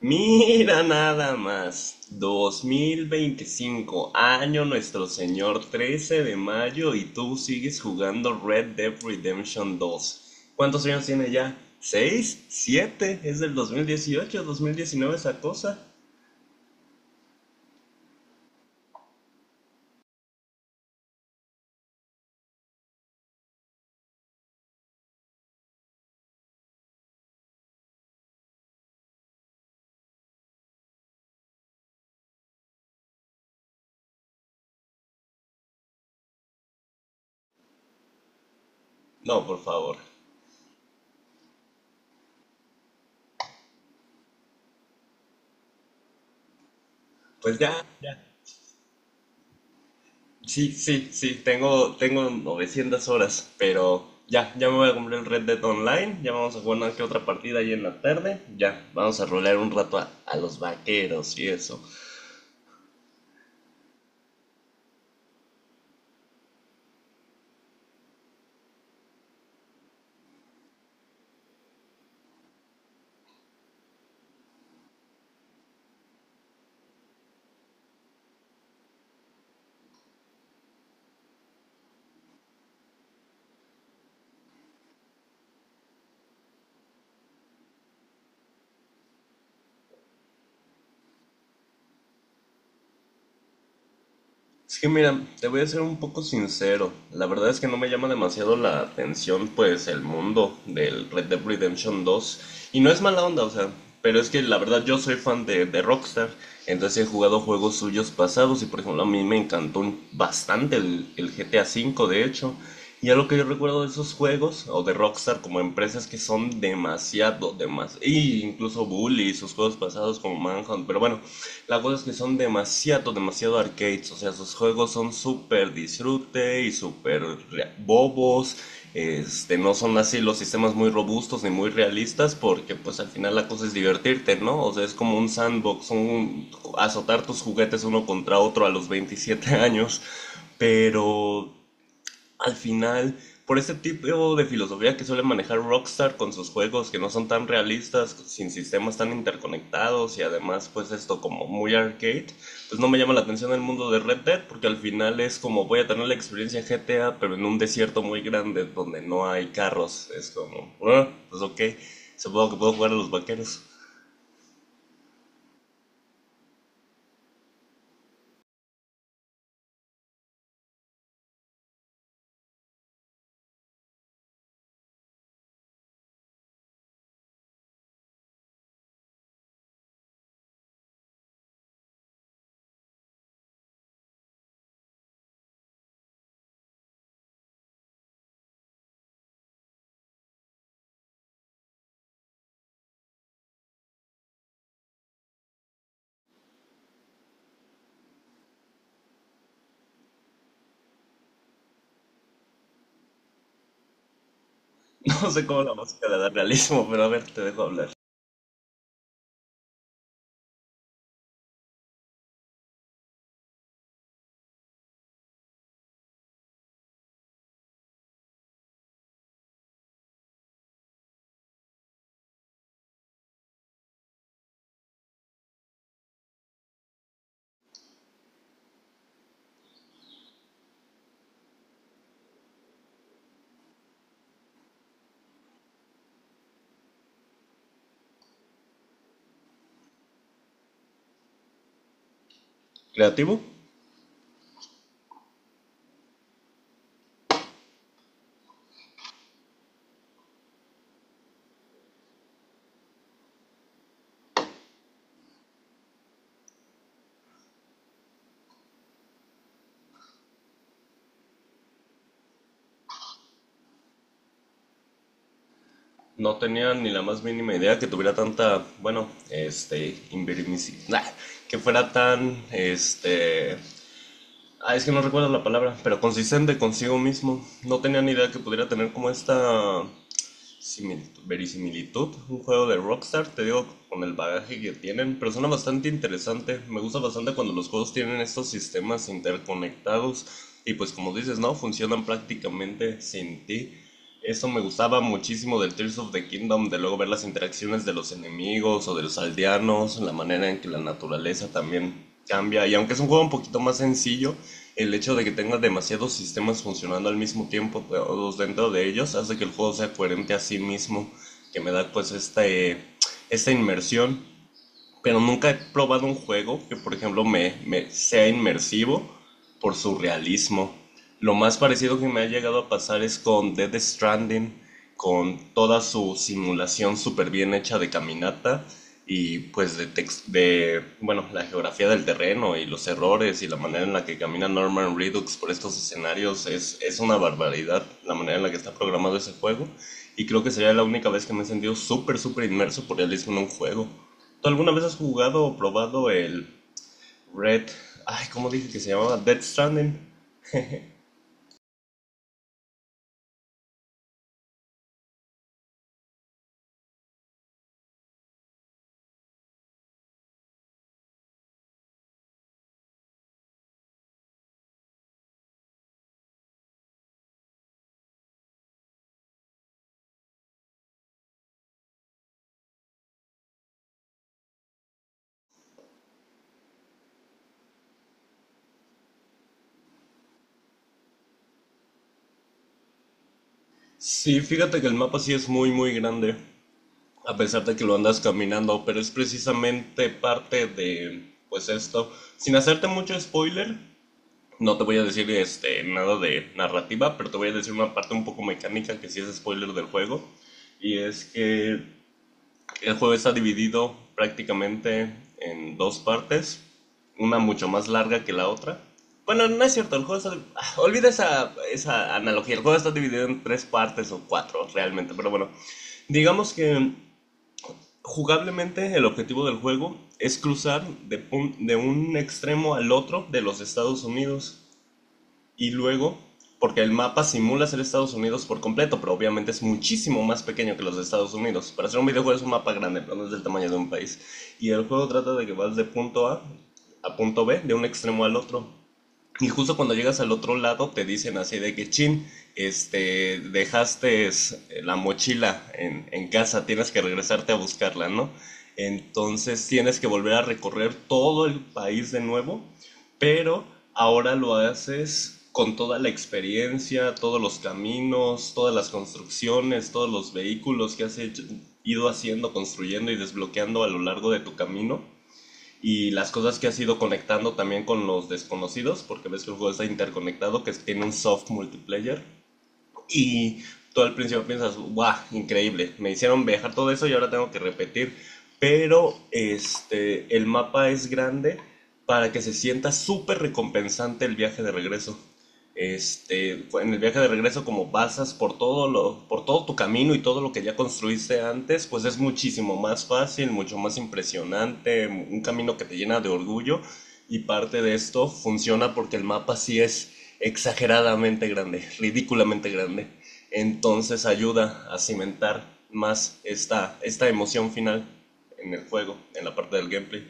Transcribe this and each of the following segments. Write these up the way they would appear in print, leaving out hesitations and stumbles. Mira nada más, 2025, año Nuestro Señor, 13 de mayo y tú sigues jugando Red Dead Redemption 2. ¿Cuántos años tiene ya? 6, 7. ¿Es del 2018, 2019 esa cosa? No, por favor. Pues ya. Sí, sí, sí, tengo 900 horas, pero ya, ya me voy a comprar el Red Dead Online, ya vamos a jugar una que otra partida ahí en la tarde, ya, vamos a rolear un rato a los vaqueros y eso. Es que mira, te voy a ser un poco sincero. La verdad es que no me llama demasiado la atención, pues, el mundo del Red Dead Redemption 2. Y no es mala onda, o sea, pero es que la verdad yo soy fan de Rockstar. Entonces he jugado juegos suyos pasados y, por ejemplo, a mí me encantó bastante el GTA V, de hecho. Y algo que yo recuerdo de esos juegos, o de Rockstar como empresas que son demasiado, demasiado, y incluso Bully, y sus juegos pasados como Manhunt, pero bueno, la cosa es que son demasiado, demasiado arcades. O sea, sus juegos son súper disfrute y súper bobos. Este, no son así los sistemas muy robustos ni muy realistas porque pues al final la cosa es divertirte, ¿no? O sea, es como un sandbox, un, azotar tus juguetes uno contra otro a los 27 años. Pero al final, por ese tipo de filosofía que suele manejar Rockstar con sus juegos que no son tan realistas, sin sistemas tan interconectados y además pues esto como muy arcade, pues no me llama la atención el mundo de Red Dead porque al final es como voy a tener la experiencia GTA pero en un desierto muy grande donde no hay carros, es como, bueno, pues ok, supongo que puedo jugar a los vaqueros. No sé cómo la música le da realismo, pero a ver, te dejo hablar. ¿Creativo? No tenía ni la más mínima idea que tuviera tanta, bueno, este, que fuera tan, este, es que no recuerdo la palabra, pero consistente consigo mismo. No tenía ni idea que pudiera tener como esta similitud, verisimilitud, un juego de Rockstar, te digo, con el bagaje que tienen, pero suena bastante interesante. Me gusta bastante cuando los juegos tienen estos sistemas interconectados y pues como dices, ¿no? Funcionan prácticamente sin ti. Eso me gustaba muchísimo del Tears of the Kingdom, de luego ver las interacciones de los enemigos o de los aldeanos, la manera en que la naturaleza también cambia. Y aunque es un juego un poquito más sencillo, el hecho de que tenga demasiados sistemas funcionando al mismo tiempo, todos dentro de ellos, hace que el juego sea coherente a sí mismo, que me da pues esta, esta inmersión, pero nunca he probado un juego que, por ejemplo, me sea inmersivo por su realismo. Lo más parecido que me ha llegado a pasar es con Dead Stranding, con toda su simulación súper bien hecha de caminata y pues de bueno, la geografía del terreno y los errores y la manera en la que camina Norman Reedus por estos escenarios es una barbaridad la manera en la que está programado ese juego y creo que sería la única vez que me he sentido súper, súper inmerso por realismo en un juego. ¿Tú alguna vez has jugado o probado el Red? Ay, ¿cómo dije que se llamaba? Dead Stranding. Sí, fíjate que el mapa sí es muy, muy grande, a pesar de que lo andas caminando, pero es precisamente parte de, pues esto. Sin hacerte mucho spoiler, no te voy a decir este, nada de narrativa, pero te voy a decir una parte un poco mecánica que sí es spoiler del juego. Y es que El juego está dividido prácticamente en dos partes, una mucho más larga que la otra. Bueno, no es cierto, el juego está... ah, olvida esa, esa analogía, el juego está dividido en tres partes o cuatro realmente, pero bueno, digamos que jugablemente el objetivo del juego es cruzar de un extremo al otro de los Estados Unidos y luego, porque el mapa simula ser Estados Unidos por completo, pero obviamente es muchísimo más pequeño que los de Estados Unidos. Para hacer un videojuego es un mapa grande, pero no es del tamaño de un país. Y el juego trata de que vas de punto A a punto B, de un extremo al otro. Y justo cuando llegas al otro lado te dicen así de que, chin, este, dejaste la mochila en casa, tienes que regresarte a buscarla, ¿no? Entonces tienes que volver a recorrer todo el país de nuevo, pero ahora lo haces con toda la experiencia, todos los caminos, todas las construcciones, todos los vehículos que ido haciendo, construyendo y desbloqueando a lo largo de tu camino y las cosas que has ido conectando también con los desconocidos, porque ves que el juego está interconectado, que tiene un soft multiplayer. Y tú al principio piensas, guau, increíble, me hicieron viajar todo eso y ahora tengo que repetir. Pero este, el mapa es grande para que se sienta súper recompensante el viaje de regreso. Este, en el viaje de regreso, como pasas por todo lo, por todo tu camino y todo lo que ya construiste antes, pues es muchísimo más fácil, mucho más impresionante, un camino que te llena de orgullo y parte de esto funciona porque el mapa sí es exageradamente grande, ridículamente grande. Entonces ayuda a cimentar más esta emoción final en el juego, en la parte del gameplay.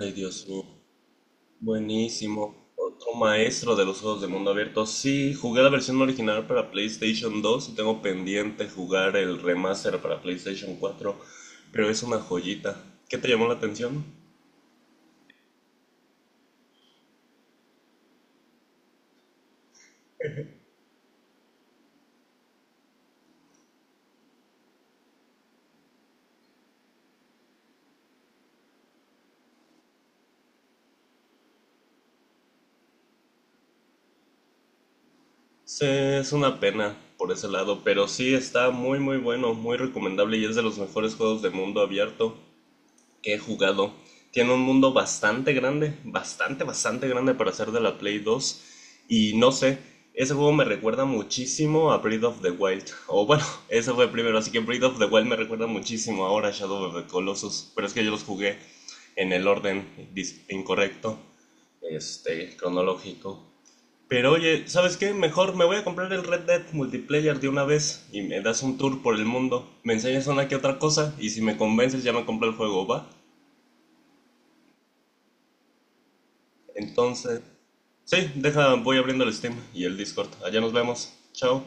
Ay, Dios mío, buenísimo. Otro maestro de los juegos de mundo abierto. Sí, jugué la versión original para PlayStation 2 y tengo pendiente jugar el remaster para PlayStation 4, pero es una joyita. ¿Qué te llamó la atención? Sí, es una pena por ese lado, pero sí está muy muy bueno, muy recomendable y es de los mejores juegos de mundo abierto que he jugado. Tiene un mundo bastante grande, bastante grande para ser de la Play 2 y no sé, ese juego me recuerda muchísimo a Breath of the Wild, o bueno, ese fue primero, así que Breath of the Wild me recuerda muchísimo ahora a Shadow of the Colossus, pero es que yo los jugué en el orden incorrecto, este, cronológico. Pero oye, ¿sabes qué? Mejor me voy a comprar el Red Dead Multiplayer de una vez y me das un tour por el mundo. Me enseñas una que otra cosa y si me convences ya me compro el juego, ¿va? Entonces, sí, deja, voy abriendo el Steam y el Discord. Allá nos vemos. Chao.